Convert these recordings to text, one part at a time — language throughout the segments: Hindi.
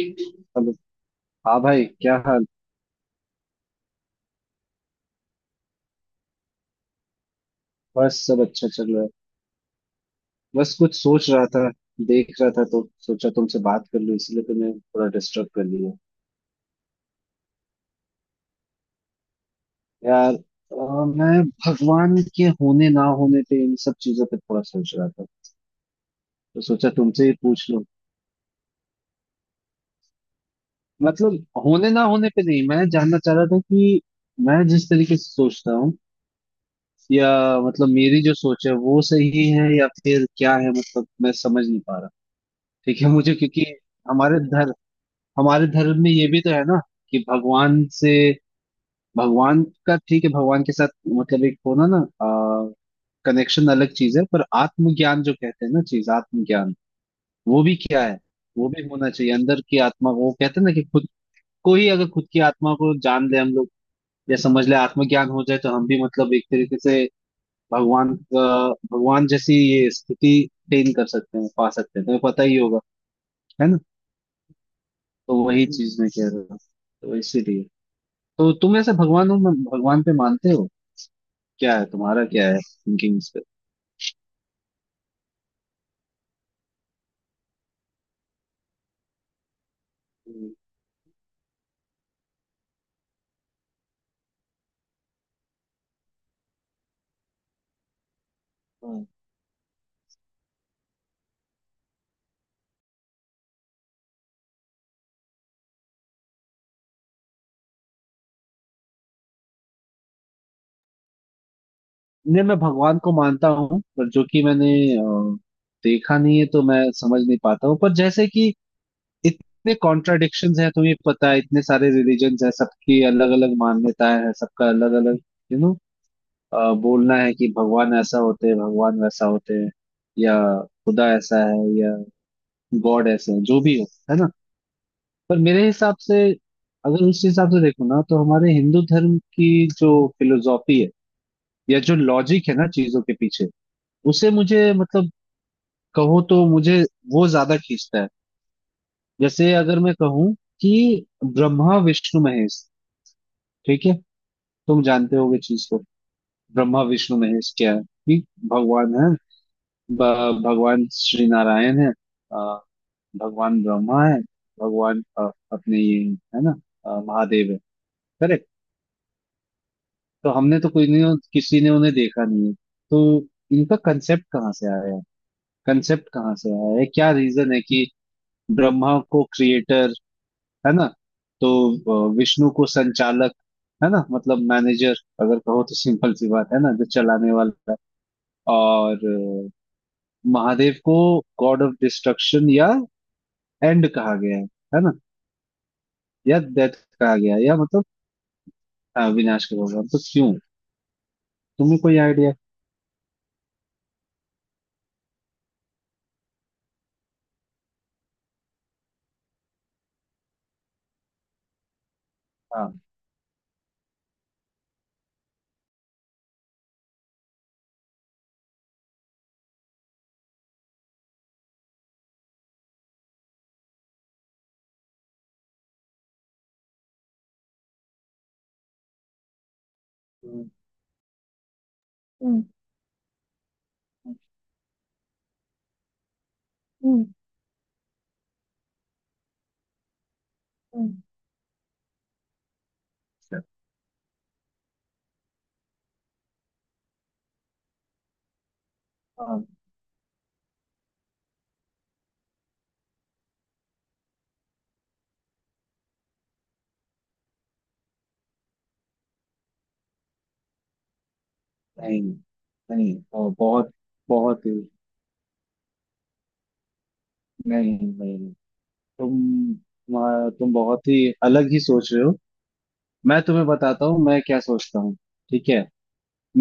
हेलो। हाँ भाई, क्या हाल। बस सब अच्छा चल रहा है। बस कुछ सोच रहा था, देख रहा था, तो सोचा तुमसे बात कर लूं, इसलिए तो मैं थोड़ा डिस्टर्ब कर लिया। यार मैं भगवान के होने ना होने पे, इन सब चीजों पे थोड़ा सोच रहा था, तो सोचा तुमसे ही पूछ लूं। मतलब होने ना होने पे नहीं, मैं जानना चाह रहा था कि मैं जिस तरीके से सोचता हूँ, या मतलब मेरी जो सोच है वो सही है या फिर क्या है, मतलब मैं समझ नहीं पा रहा। ठीक है, मुझे क्योंकि हमारे धर्म हमारे धर्म में ये भी तो है ना कि भगवान का, ठीक है भगवान के साथ मतलब एक होना ना, कनेक्शन अलग चीज है, पर आत्मज्ञान जो कहते हैं ना, चीज आत्मज्ञान वो भी क्या है, वो भी होना चाहिए अंदर की आत्मा। वो कहते हैं ना कि खुद को ही अगर खुद की आत्मा को जान ले हम लोग, या समझ ले, आत्मज्ञान हो जाए, तो हम भी मतलब एक तरीके से भगवान का भगवान जैसी ये स्थिति अटेन कर सकते हैं, पा सकते हैं। तुम्हें पता ही होगा, है ना। तो वही चीज मैं कह रहा हूँ। तो इसीलिए तो, तुम ऐसे भगवानों में, भगवान पे मानते हो क्या, है तुम्हारा क्या है थिंकिंग इस पे। हम्म। हाँ। नहीं, मैं भगवान को मानता हूँ, पर जो कि मैंने अ, देखा नहीं है तो मैं समझ नहीं पाता हूँ, पर जैसे कि इतने कॉन्ट्राडिक्शंस हैं, तुम्हें पता है इतने सारे रिलीजन्स हैं, सबकी अलग अलग मान्यताएं हैं, सबका अलग अलग यू नो बोलना है कि भगवान ऐसा होते हैं, भगवान वैसा होते हैं, या खुदा ऐसा है, या गॉड ऐसा है, जो भी हो, है ना। पर मेरे हिसाब से, अगर उस हिसाब से देखो ना, तो हमारे हिंदू धर्म की जो फिलोसॉफी है, या जो लॉजिक है ना चीजों के पीछे, उसे मुझे, मतलब कहो तो, मुझे वो ज्यादा खींचता है। जैसे अगर मैं कहूँ कि ब्रह्मा विष्णु महेश, ठीक है, तुम जानते होगे चीज को, ब्रह्मा विष्णु महेश क्या है, कि भगवान है, भगवान श्री नारायण है, अ, भगवान ब्रह्मा है, भगवान अपने ये है ना, महादेव है। तो हमने तो कोई नहीं, किसी ने उन्हें देखा नहीं है, तो इनका कंसेप्ट कहाँ से आया है, कंसेप्ट कहाँ से आया है, क्या रीजन है कि ब्रह्मा को क्रिएटर, है ना, तो विष्णु को संचालक, है ना, मतलब मैनेजर अगर कहो तो, सिंपल सी बात है ना, जो चलाने वाला है, और महादेव को गॉड ऑफ डिस्ट्रक्शन, या एंड कहा गया है ना, या डेथ कहा गया है, या मतलब। हाँ, विनाश का भगवान, तो क्यों, तुम्हें कोई आइडिया। हाँ। हम्म हम्म। हम्म, हम्म। और नहीं, नहीं और बहुत, बहुत ही, नहीं नहीं, तुम बहुत ही अलग ही सोच रहे हो। मैं तुम्हें बताता हूँ मैं क्या सोचता हूँ, ठीक है।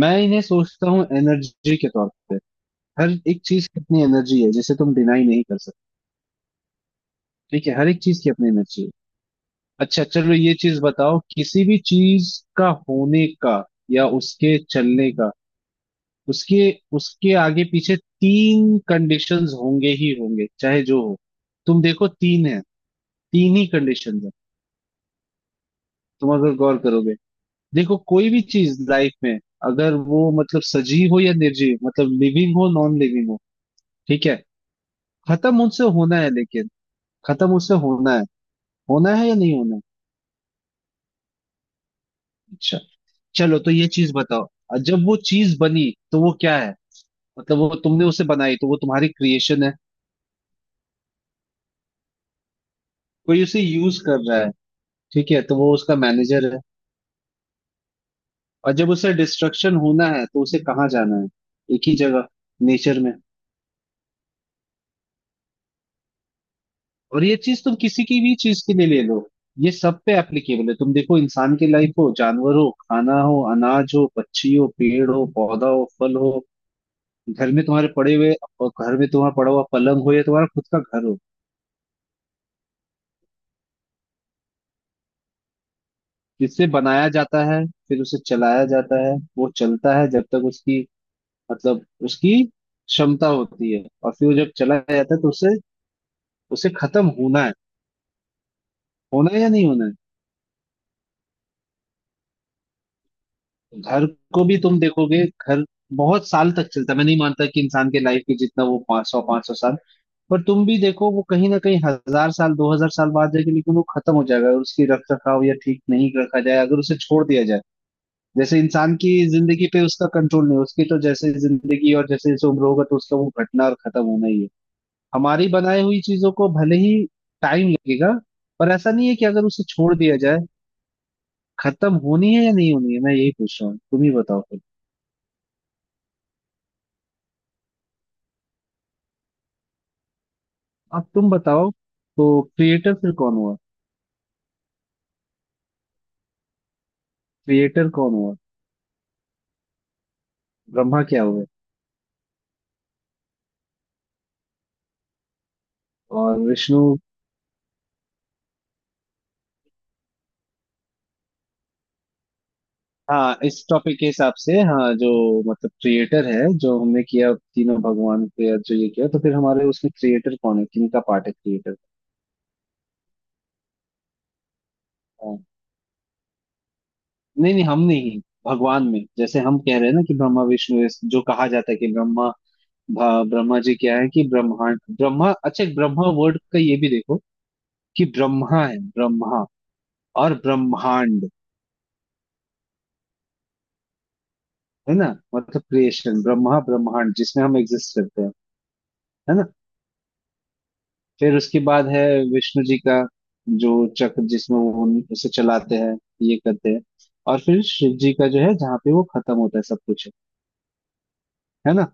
मैं इन्हें सोचता हूँ एनर्जी के तौर पे। हर एक चीज की अपनी एनर्जी है, जिसे तुम डिनाई नहीं कर सकते। ठीक है, हर एक चीज की अपनी एनर्जी है। अच्छा चलो, ये चीज बताओ, किसी भी चीज का होने का, या उसके चलने का, उसके उसके आगे पीछे तीन कंडीशंस होंगे ही होंगे, चाहे जो हो। तुम देखो, तीन है, तीन ही कंडीशंस है। तुम अगर गौर करोगे, देखो कोई भी चीज लाइफ में, अगर वो मतलब सजीव हो या निर्जीव, मतलब लिविंग हो नॉन लिविंग हो, ठीक है, खत्म उनसे होना है, लेकिन खत्म उससे होना है, होना है या नहीं होना है। अच्छा चलो, तो ये चीज बताओ, जब वो चीज बनी तो वो क्या है, मतलब वो तुमने उसे बनाई तो वो तुम्हारी क्रिएशन है। कोई उसे यूज कर रहा है, ठीक है, तो वो उसका मैनेजर है। और जब उसे डिस्ट्रक्शन होना है तो उसे कहाँ जाना है, एक ही जगह, नेचर में। और ये चीज तुम किसी की भी चीज के लिए ले लो, ये सब पे एप्लीकेबल है। तुम देखो, इंसान की लाइफ हो, जानवर हो, खाना हो, अनाज हो, पक्षी हो, पेड़ हो, पौधा हो, फल हो, घर में तुम्हारे पड़े हुए और घर में तुम्हारा पड़ा हुआ पलंग हो, या तुम्हारा खुद का घर हो, जिससे बनाया जाता है, फिर उसे चलाया जाता है, वो चलता है जब तक उसकी, मतलब उसकी क्षमता होती है, और फिर वो जब चलाया जाता है तो उसे, उसे खत्म होना है, होना है या नहीं होना है। घर को भी तुम देखोगे, घर बहुत साल तक चलता है, मैं नहीं मानता कि इंसान के लाइफ के जितना, वो पाँच सौ साल, पर तुम भी देखो वो कहीं ना कहीं 1,000 साल, 2,000 साल बाद जाके, लेकिन वो खत्म हो जाएगा अगर उसकी रख रखाव या ठीक नहीं रखा जाए, अगर उसे छोड़ दिया जाए। जैसे इंसान की जिंदगी पे उसका कंट्रोल नहीं, उसकी तो जैसे जिंदगी, और जैसे जैसे उम्र होगा तो उसका वो घटना और खत्म होना ही है। हमारी बनाई हुई चीजों को भले ही टाइम लगेगा, पर ऐसा नहीं है, कि अगर उसे छोड़ दिया जाए, खत्म होनी है या नहीं होनी है, मैं यही पूछ रहा हूँ, तुम ही बताओ। अब तुम बताओ, तो क्रिएटर फिर कौन हुआ, क्रिएटर कौन हुआ, ब्रह्मा क्या हुए और विष्णु। हाँ, इस टॉपिक के हिसाब से, हाँ जो मतलब क्रिएटर है, जो हमने किया तीनों भगवान के जो ये किया, तो फिर हमारे उसमें क्रिएटर कौन है, किन का पार्ट है क्रिएटर। हाँ, नहीं नहीं हम नहीं, भगवान में जैसे हम कह रहे हैं ना कि ब्रह्मा विष्णु जो कहा जाता है कि ब्रह्मा, ब्रह्मा जी क्या है, कि ब्रह्मांड ब्रह्मा, अच्छा एक ब्रह्मा वर्ड का ये भी देखो, कि ब्रह्मा और ब्रह्मांड, है ना, मतलब क्रिएशन, ब्रह्मा ब्रह्मांड जिसमें हम एग्जिस्ट करते हैं, है ना। फिर उसके बाद है विष्णु जी का जो चक्र, जिसमें वो उसे चलाते हैं, ये करते हैं। और फिर शिव जी का जो है, जहाँ पे वो खत्म होता है सब कुछ, है ना।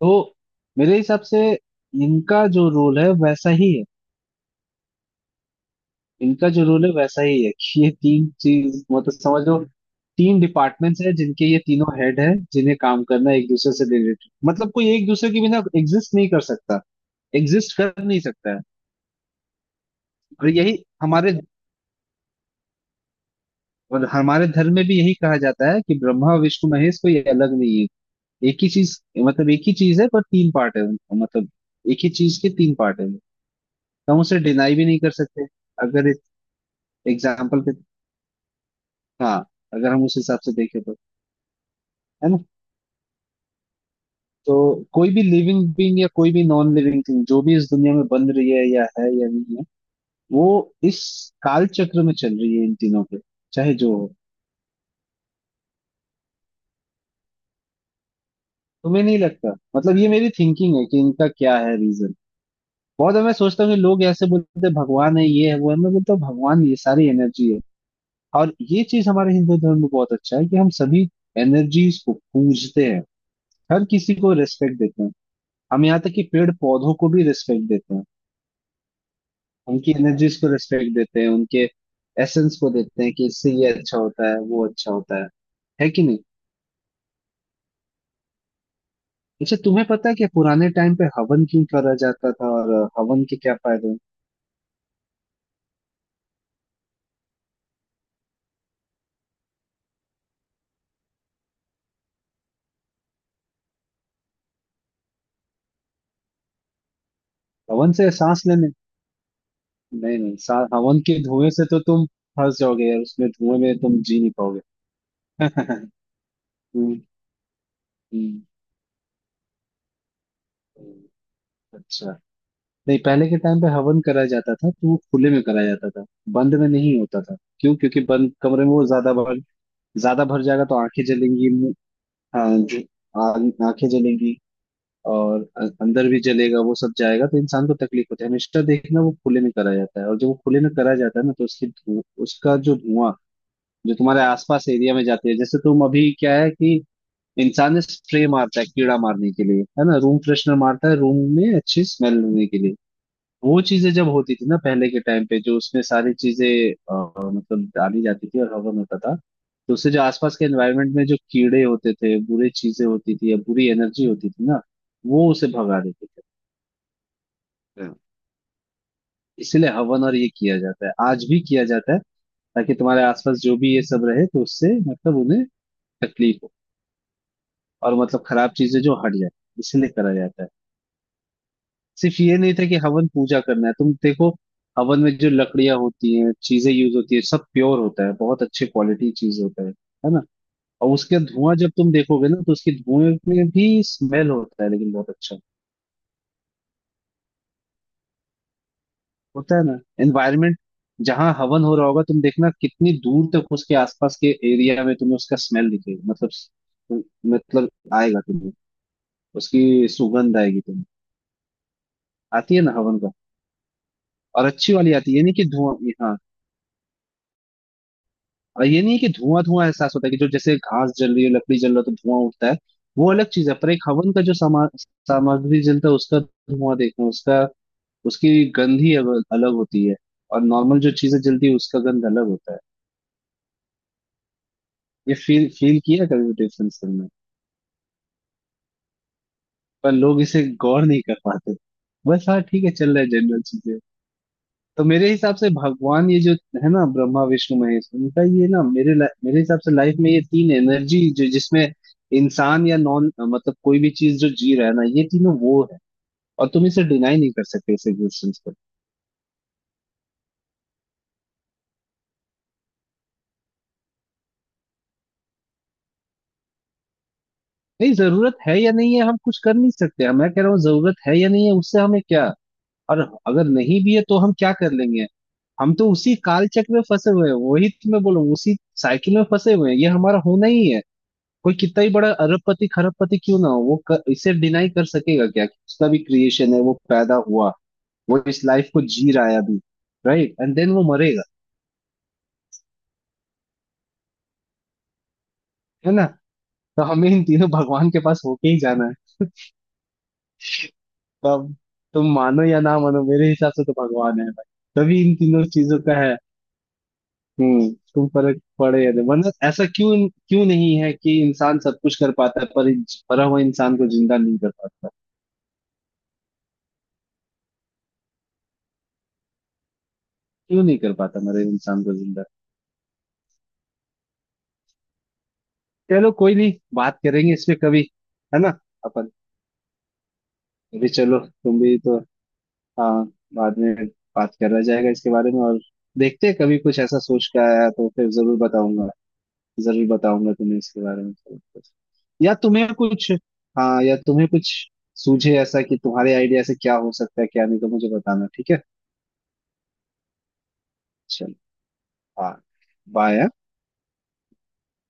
तो मेरे हिसाब से इनका जो रोल है वैसा ही है, इनका जो रूल है वैसा ही है, कि ये तीन चीज, मतलब समझो तीन डिपार्टमेंट्स है, जिनके ये तीनों हेड है, जिन्हें काम करना है एक दूसरे से रिलेटेड, मतलब कोई एक दूसरे के बिना एग्जिस्ट नहीं कर सकता, एग्जिस्ट कर नहीं सकता है। और यही हमारे, और हमारे धर्म में भी यही कहा जाता है, कि ब्रह्मा विष्णु महेश कोई अलग नहीं है, एक ही चीज, मतलब एक ही चीज है, पर तीन पार्ट है उनका, मतलब एक ही चीज के तीन पार्ट है। तो हम उसे डिनाई भी नहीं कर सकते, अगर एग्जाम्पल के, हाँ, अगर हम उस हिसाब से देखें तो, है ना। तो कोई भी लिविंग बीइंग, या कोई भी नॉन लिविंग थिंग जो भी इस दुनिया में बन रही है, या है, या नहीं है, वो इस काल चक्र में चल रही है, इन तीनों के, चाहे जो हो। तुम्हें नहीं लगता, मतलब ये मेरी थिंकिंग है, कि इनका क्या है रीजन। बहुत मैं सोचता हूँ, कि लोग ऐसे बोलते हैं भगवान है, ये है वो है, मैं बोलता हूँ भगवान ये सारी एनर्जी है। और ये चीज हमारे हिंदू धर्म में बहुत अच्छा है, कि हम सभी एनर्जीज को पूजते हैं, हर किसी को रेस्पेक्ट देते हैं, हम यहाँ तक कि पेड़ पौधों को भी रेस्पेक्ट देते हैं, उनकी एनर्जीज को रिस्पेक्ट देते हैं, उनके एसेंस को देते हैं, कि इससे ये अच्छा होता है, वो अच्छा होता है कि नहीं। अच्छा, तुम्हें पता है, कि पुराने टाइम पे हवन क्यों करा जाता था, और हवन के क्या फायदे हैं। हवन से सांस लेने, नहीं नहीं हवन के धुएं से तो तुम फंस जाओगे यार, उसमें धुएं में तुम जी नहीं पाओगे। हम्म। हम्म। अच्छा, नहीं पहले के टाइम पे हवन करा जाता था तो वो खुले में करा जाता था, बंद में नहीं होता था, क्यों, क्योंकि बंद कमरे में वो ज्यादा भर, ज्यादा भर जाएगा तो आंखें जलेंगी, हाँ जो आ- आंखें जलेंगी, और अंदर भी जलेगा वो सब जाएगा, तो इंसान को तकलीफ होती है। हमेशा देखना वो खुले में करा जाता है, और जब वो खुले में करा जाता है ना, तो उसकी धुआं, उसका जो धुआं जो तुम्हारे आसपास एरिया में जाते हैं, जैसे तुम अभी क्या है, कि इंसान ने स्प्रे मारता है कीड़ा मारने के लिए, है ना, रूम फ्रेशनर मारता है रूम में अच्छी स्मेल लेने के लिए। वो चीजें जब होती थी ना, पहले के टाइम पे जो उसमें सारी चीजें मतलब डाली जाती थी और हवन होता था, तो उससे जो आसपास के एनवायरनमेंट में जो कीड़े होते थे, बुरी चीजें होती थी, या बुरी एनर्जी होती थी ना, वो उसे भगा देते थे। इसीलिए हवन और ये किया जाता है, आज भी किया जाता है, ताकि तुम्हारे आसपास जो भी ये सब रहे तो उससे मतलब उन्हें तकलीफ हो, और मतलब खराब चीजें जो हट जाए, इसीलिए करा जाता है। सिर्फ ये नहीं था कि हवन पूजा करना है। तुम देखो हवन में जो लकड़ियां होती हैं, चीजें यूज होती है, सब प्योर होता है, बहुत अच्छे क्वालिटी चीज होता है ना। और उसके धुआं जब तुम देखोगे ना, तो उसके धुएं में भी स्मेल होता है, लेकिन बहुत अच्छा होता है ना एनवायरमेंट। जहाँ हवन हो रहा होगा तुम देखना, कितनी दूर तक उसके आसपास के एरिया में तुम्हें उसका स्मेल दिखेगा, मतलब आएगा तुम्हें, उसकी सुगंध आएगी तुम्हें, आती है ना हवन का। और अच्छी वाली आती है, ये नहीं कि धुआं, हाँ। और ये नहीं है कि धुआं धुआं एहसास होता है, कि जो जैसे घास जल रही है, लकड़ी जल रहा है तो धुआं उठता है, वो अलग चीज है। पर एक हवन का जो सामा सामग्री जलता है, उसका धुआं देखना, उसका, उसकी गंध ही अलग होती है, और नॉर्मल जो चीजें जलती है उसका गंध अलग होता है। ये फील फील किया कभी डिफरेंस तुमने। पर लोग इसे गौर नहीं कर पाते, बस हाँ ठीक है चल रहा है जनरल चीजें। तो मेरे हिसाब से भगवान ये जो, है ना, ब्रह्मा विष्णु महेश, उनका ये ना, मेरे मेरे हिसाब से लाइफ में ये तीन एनर्जी जो, जिसमें इंसान या नॉन, मतलब कोई भी चीज जो जी रहा है ना, ये तीनों वो है। और तुम इसे डिनाई नहीं कर सकते इस एग्जिस्टेंस को। नहीं जरूरत है या नहीं है, हम कुछ कर नहीं सकते, हम, मैं कह रहा हूँ जरूरत है या नहीं है, उससे हमें क्या। और अगर नहीं भी है, तो हम क्या कर लेंगे। हम तो उसी काल चक्र में फंसे हुए हैं, वही तो मैं बोल रहा हूँ उसी साइकिल में फंसे हुए हैं, ये हमारा होना ही है। कोई कितना ही बड़ा अरबपति खरबपति क्यों ना हो, इसे डिनाई कर सकेगा क्या, कि उसका भी क्रिएशन है, वो पैदा हुआ, वो इस लाइफ को जी रहा है अभी, राइट एंड देन वो मरेगा, है ना। तो हमें इन तीनों भगवान के पास होके ही जाना है तब। तुम मानो या ना मानो, मेरे हिसाब से तो भगवान है भाई, तभी इन तीनों चीजों का है। हम्म। तुम फर्क पड़े या नहीं, वरना ऐसा क्यों, क्यों नहीं है कि इंसान सब कुछ कर पाता है, पर मरा हुआ इंसान को जिंदा नहीं कर पाता, क्यों नहीं कर पाता मरे इंसान को जिंदा। चलो कोई नहीं, बात करेंगे इस पे कभी, है ना, अपन। अभी चलो, तुम भी तो, हाँ, बाद में बात करा जाएगा इसके बारे में, और देखते हैं कभी कुछ ऐसा सोच के आया तो फिर जरूर बताऊंगा, जरूर बताऊंगा तुम्हें इसके बारे में सब कुछ। या तुम्हें कुछ, हाँ या तुम्हें कुछ सूझे ऐसा, कि तुम्हारे आइडिया से क्या हो सकता है क्या नहीं, तो मुझे बताना, ठीक है। चलो, हाँ, बाय।